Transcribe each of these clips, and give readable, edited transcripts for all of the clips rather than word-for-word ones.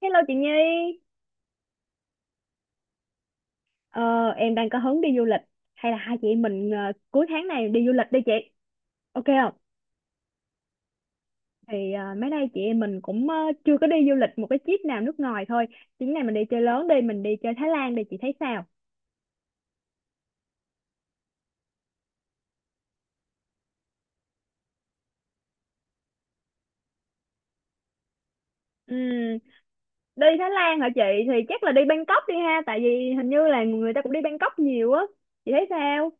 Hello chị Nhi, ờ, em đang có hứng đi du lịch hay là hai chị em mình cuối tháng này đi du lịch đi chị, ok không? Thì mấy nay chị em mình cũng chưa có đi du lịch một cái trip nào nước ngoài thôi, chuyến này mình đi chơi lớn đi, mình đi chơi Thái Lan đi chị thấy sao? Ừm, đi Thái Lan hả chị? Thì chắc là đi Bangkok đi ha, tại vì hình như là người ta cũng đi Bangkok nhiều á, chị thấy sao?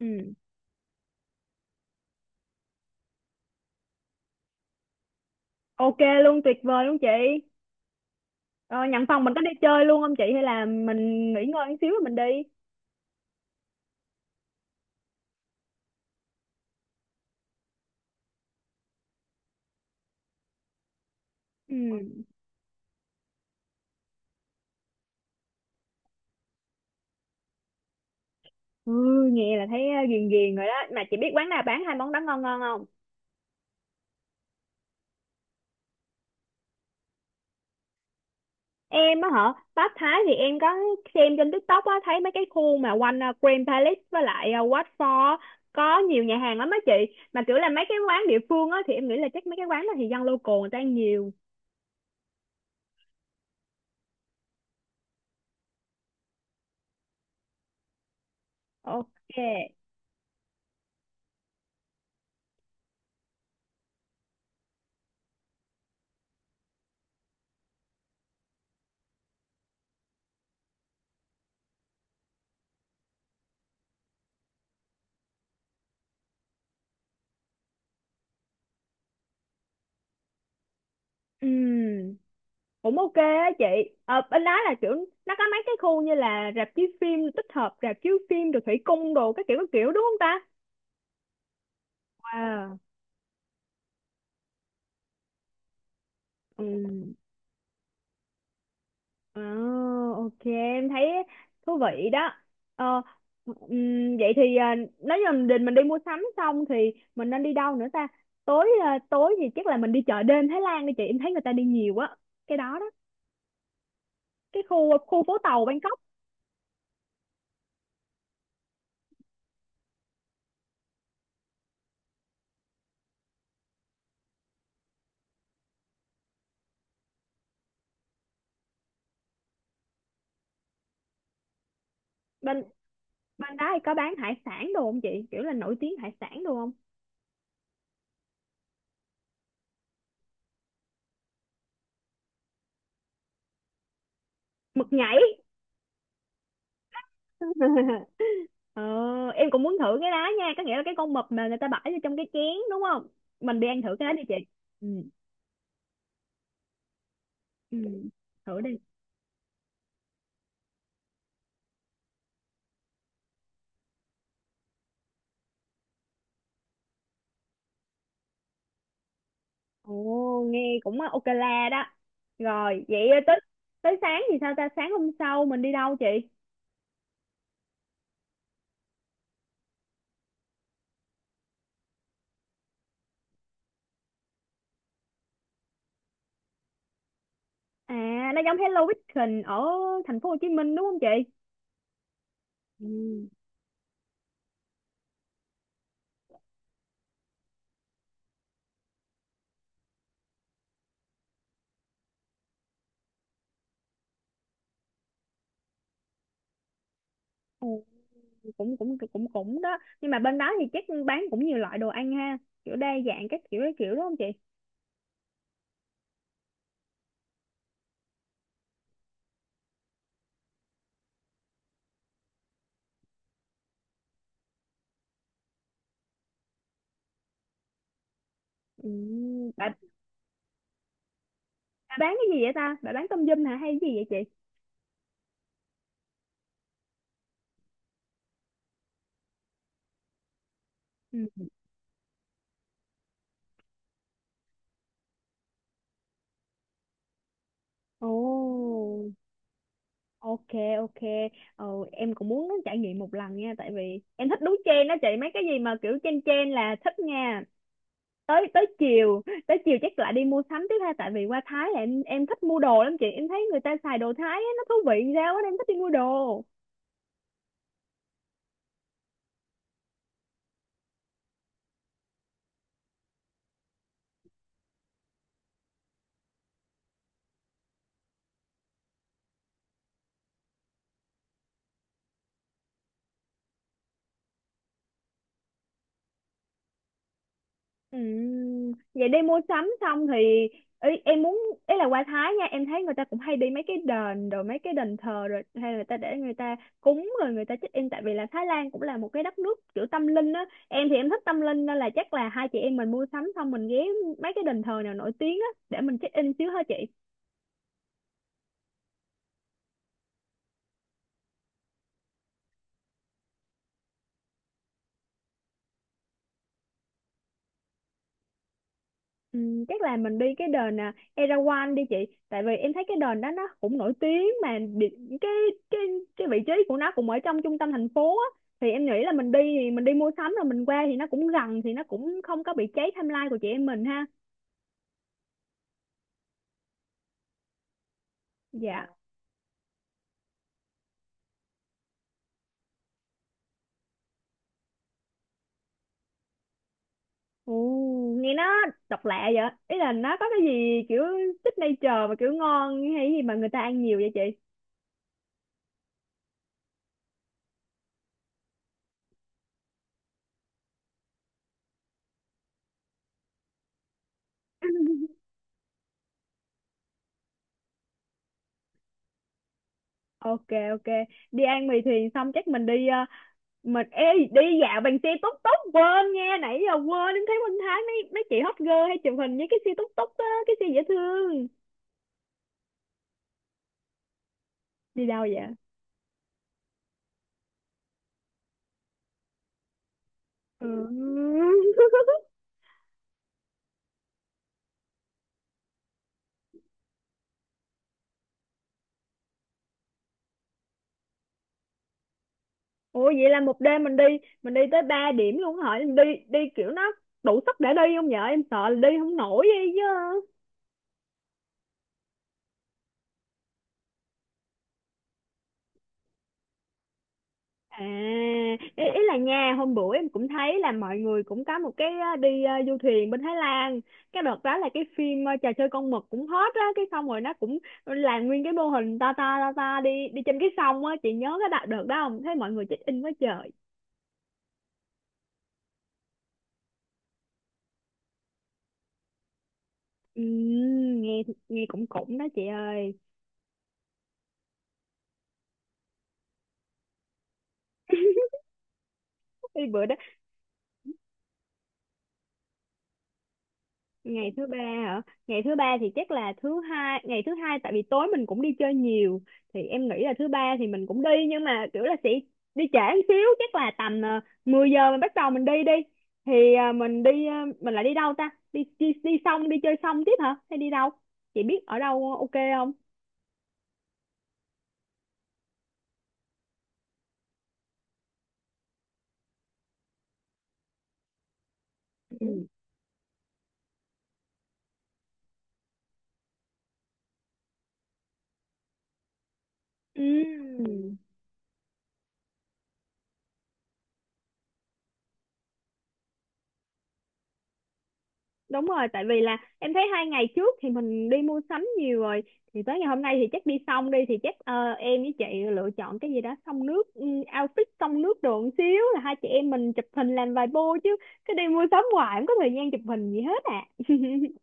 Ừm, ok luôn, tuyệt vời luôn chị. Ờ, nhận phòng mình có đi chơi luôn không chị hay là mình nghỉ ngơi một xíu rồi mình đi? Ừ. Ừ, nghe là thấy ghiền ghiền rồi đó mà chị biết quán nào bán hai món đó ngon ngon không? Em á hả? Pháp Thái thì em có xem trên TikTok á, thấy mấy cái khu mà quanh Grand Palace với lại Wat Phó có nhiều nhà hàng lắm á chị, mà kiểu là mấy cái quán địa phương á thì em nghĩ là chắc mấy cái quán đó thì dân local người ta ăn nhiều. Ok. Ừm, cũng ok á chị. Ờ, bên đó là kiểu nó có mấy cái khu như là rạp chiếu phim, tích hợp rạp chiếu phim rồi thủy cung đồ các kiểu đúng không ta? Wow. Ừ. À, ok, em thấy thú vị đó. Ờ, vậy thì à, nếu như mình định mình đi mua sắm xong thì mình nên đi đâu nữa ta? Tối à, tối thì chắc là mình đi chợ đêm Thái Lan đi chị, em thấy người ta đi nhiều quá cái đó đó, cái khu khu phố tàu Bangkok. Bên bên đó thì có bán hải sản đồ không chị, kiểu là nổi tiếng hải sản đồ không? Mực nhảy. ờ, em cũng muốn thử cái đó nha, có nghĩa là cái con mực mà người ta bỏ vô trong cái chén đúng không? Mình đi ăn thử cái đó đi chị. Ừ, ừ. Thử đi. Ồ, nghe cũng ok la đó. Rồi, vậy tới tới sáng thì sao ta? Sáng hôm sau mình đi đâu chị? À, nó giống Hello Weekend ở thành phố Hồ Chí Minh đúng không chị? Ừ. Ồ, cũng cũng cũng cũng đó. Nhưng mà bên đó thì chắc bán cũng nhiều loại đồ ăn ha, kiểu đa dạng các kiểu đúng không chị? Ừ, bà, bà bán cái gì vậy ta? Bà bán tôm yum hả hay cái gì vậy chị? Ừ. Ồ. Ok, ok, ờ, em cũng muốn trải nghiệm một lần nha, tại vì em thích đúng trend đó chị, mấy cái gì mà kiểu trend trend là thích nha. Tới tới chiều, tới chiều chắc lại đi mua sắm tiếp ha, tại vì qua Thái là em thích mua đồ lắm chị, em thấy người ta xài đồ Thái á, nó thú vị sao á nên em thích đi mua đồ. Vậy đi mua sắm xong thì ý, em muốn ý là qua Thái nha, em thấy người ta cũng hay đi mấy cái đền rồi mấy cái đền thờ rồi hay là người ta để người ta cúng rồi người ta check in, tại vì là Thái Lan cũng là một cái đất nước kiểu tâm linh á, em thì em thích tâm linh nên là chắc là hai chị em mình mua sắm xong mình ghé mấy cái đền thờ nào nổi tiếng á để mình check in xíu hả chị? Ừ, chắc là mình đi cái đền Erawan đi chị, tại vì em thấy cái đền đó nó cũng nổi tiếng mà cái cái cái vị trí của nó cũng ở trong trung tâm thành phố á, thì em nghĩ là mình đi thì mình đi mua sắm rồi mình qua thì nó cũng gần thì nó cũng không có bị cháy timeline của chị em mình ha. Dạ. Ồ, nghe nó độc lạ vậy, ý là nó có cái gì kiểu signature mà kiểu ngon hay gì mà người ta ăn nhiều vậy chị? Ok, ok, đi ăn mì thuyền xong chắc mình đi dạo bằng xe túc túc, quên nha, nãy giờ quên, em thấy Minh Thái mấy mấy chị hot girl hay chụp hình với cái xe túc túc á, cái xe dễ thương. Đi đâu vậy? Ừ. Ủa vậy là một đêm mình đi tới ba điểm luôn hả em, đi đi kiểu nó đủ sức để đi không vậy, em sợ là đi không nổi vậy chứ. À, ý, ý là nha, hôm bữa em cũng thấy là mọi người cũng có một cái đi du thuyền bên Thái Lan. Cái đợt đó là cái phim trò chơi con mực cũng hot á, cái xong rồi nó cũng làm nguyên cái mô hình to đi đi trên cái sông á, chị nhớ cái đợt đợt đó không? Thấy mọi người check in quá trời. Nghe nghe cũng cũng đó chị ơi. Cái bữa đó. Ngày thứ ba hả? Ngày thứ ba thì chắc là thứ hai, ngày thứ hai tại vì tối mình cũng đi chơi nhiều, thì em nghĩ là thứ ba thì mình cũng đi nhưng mà kiểu là sẽ đi trễ một xíu, chắc là tầm 10 giờ mình bắt đầu mình đi đi thì mình đi mình lại đi đâu ta, đi đi đi xong đi chơi xong tiếp hả hay đi đâu chị biết ở đâu ok không? Ừ. Ừm. Đúng rồi, tại vì là em thấy hai ngày trước thì mình đi mua sắm nhiều rồi, thì tới ngày hôm nay thì chắc đi xong đi thì chắc em với chị lựa chọn cái gì đó xông nước, ừ, outfit xông nước đồ một xíu là hai chị em mình chụp hình làm vài bô chứ cứ đi mua sắm hoài không có thời gian chụp hình gì hết à.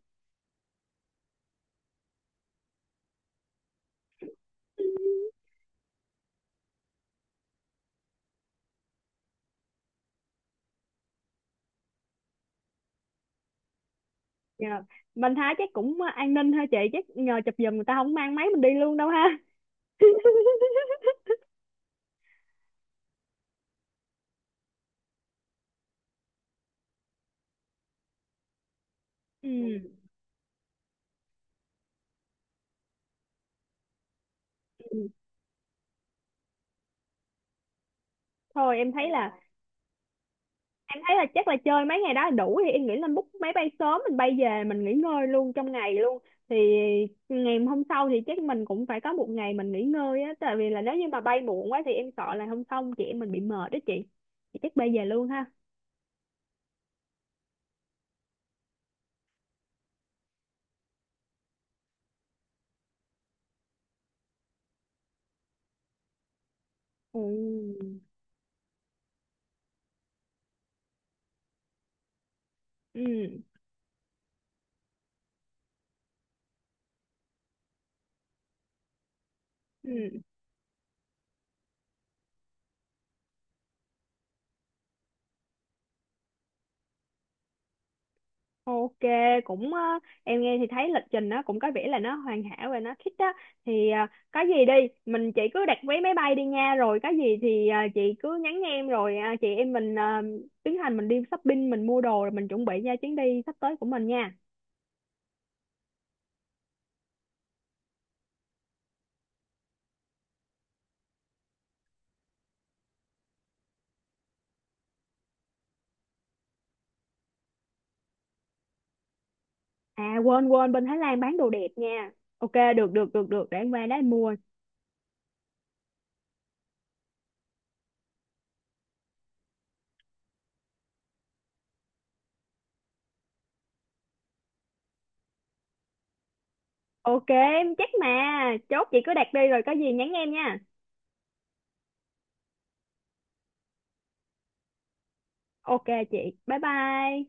Nhờ. Mình thấy chắc cũng an ninh ha chị, chắc nhờ chụp giùm, người ta không mang máy mình đi luôn đâu ha. Ừ. Ừ. Thôi em thấy là chắc là chơi mấy ngày đó đủ, thì em nghĩ là book máy bay sớm mình bay về mình nghỉ ngơi luôn trong ngày luôn, thì ngày hôm sau thì chắc mình cũng phải có một ngày mình nghỉ ngơi á, tại vì là nếu như mà bay muộn quá thì em sợ là hôm sau chị em mình bị mệt đó chị, thì chắc bay về luôn ha. Ừ. Ừ. Ừ. Ok, cũng em nghe thì thấy lịch trình nó cũng có vẻ là nó hoàn hảo và nó thích á, thì có gì đi chị cứ đặt vé máy bay đi nha, rồi có gì thì chị cứ nhắn em rồi chị em mình tiến hành mình đi shopping mình mua đồ rồi mình chuẩn bị nha chuyến đi sắp tới của mình nha. À, quên quên bên Thái Lan bán đồ đẹp nha. Ok, được được được được để em qua đó em mua. Ok em chắc mà, chốt chị cứ đặt đi rồi có gì nhắn em nha. Ok chị, bye bye.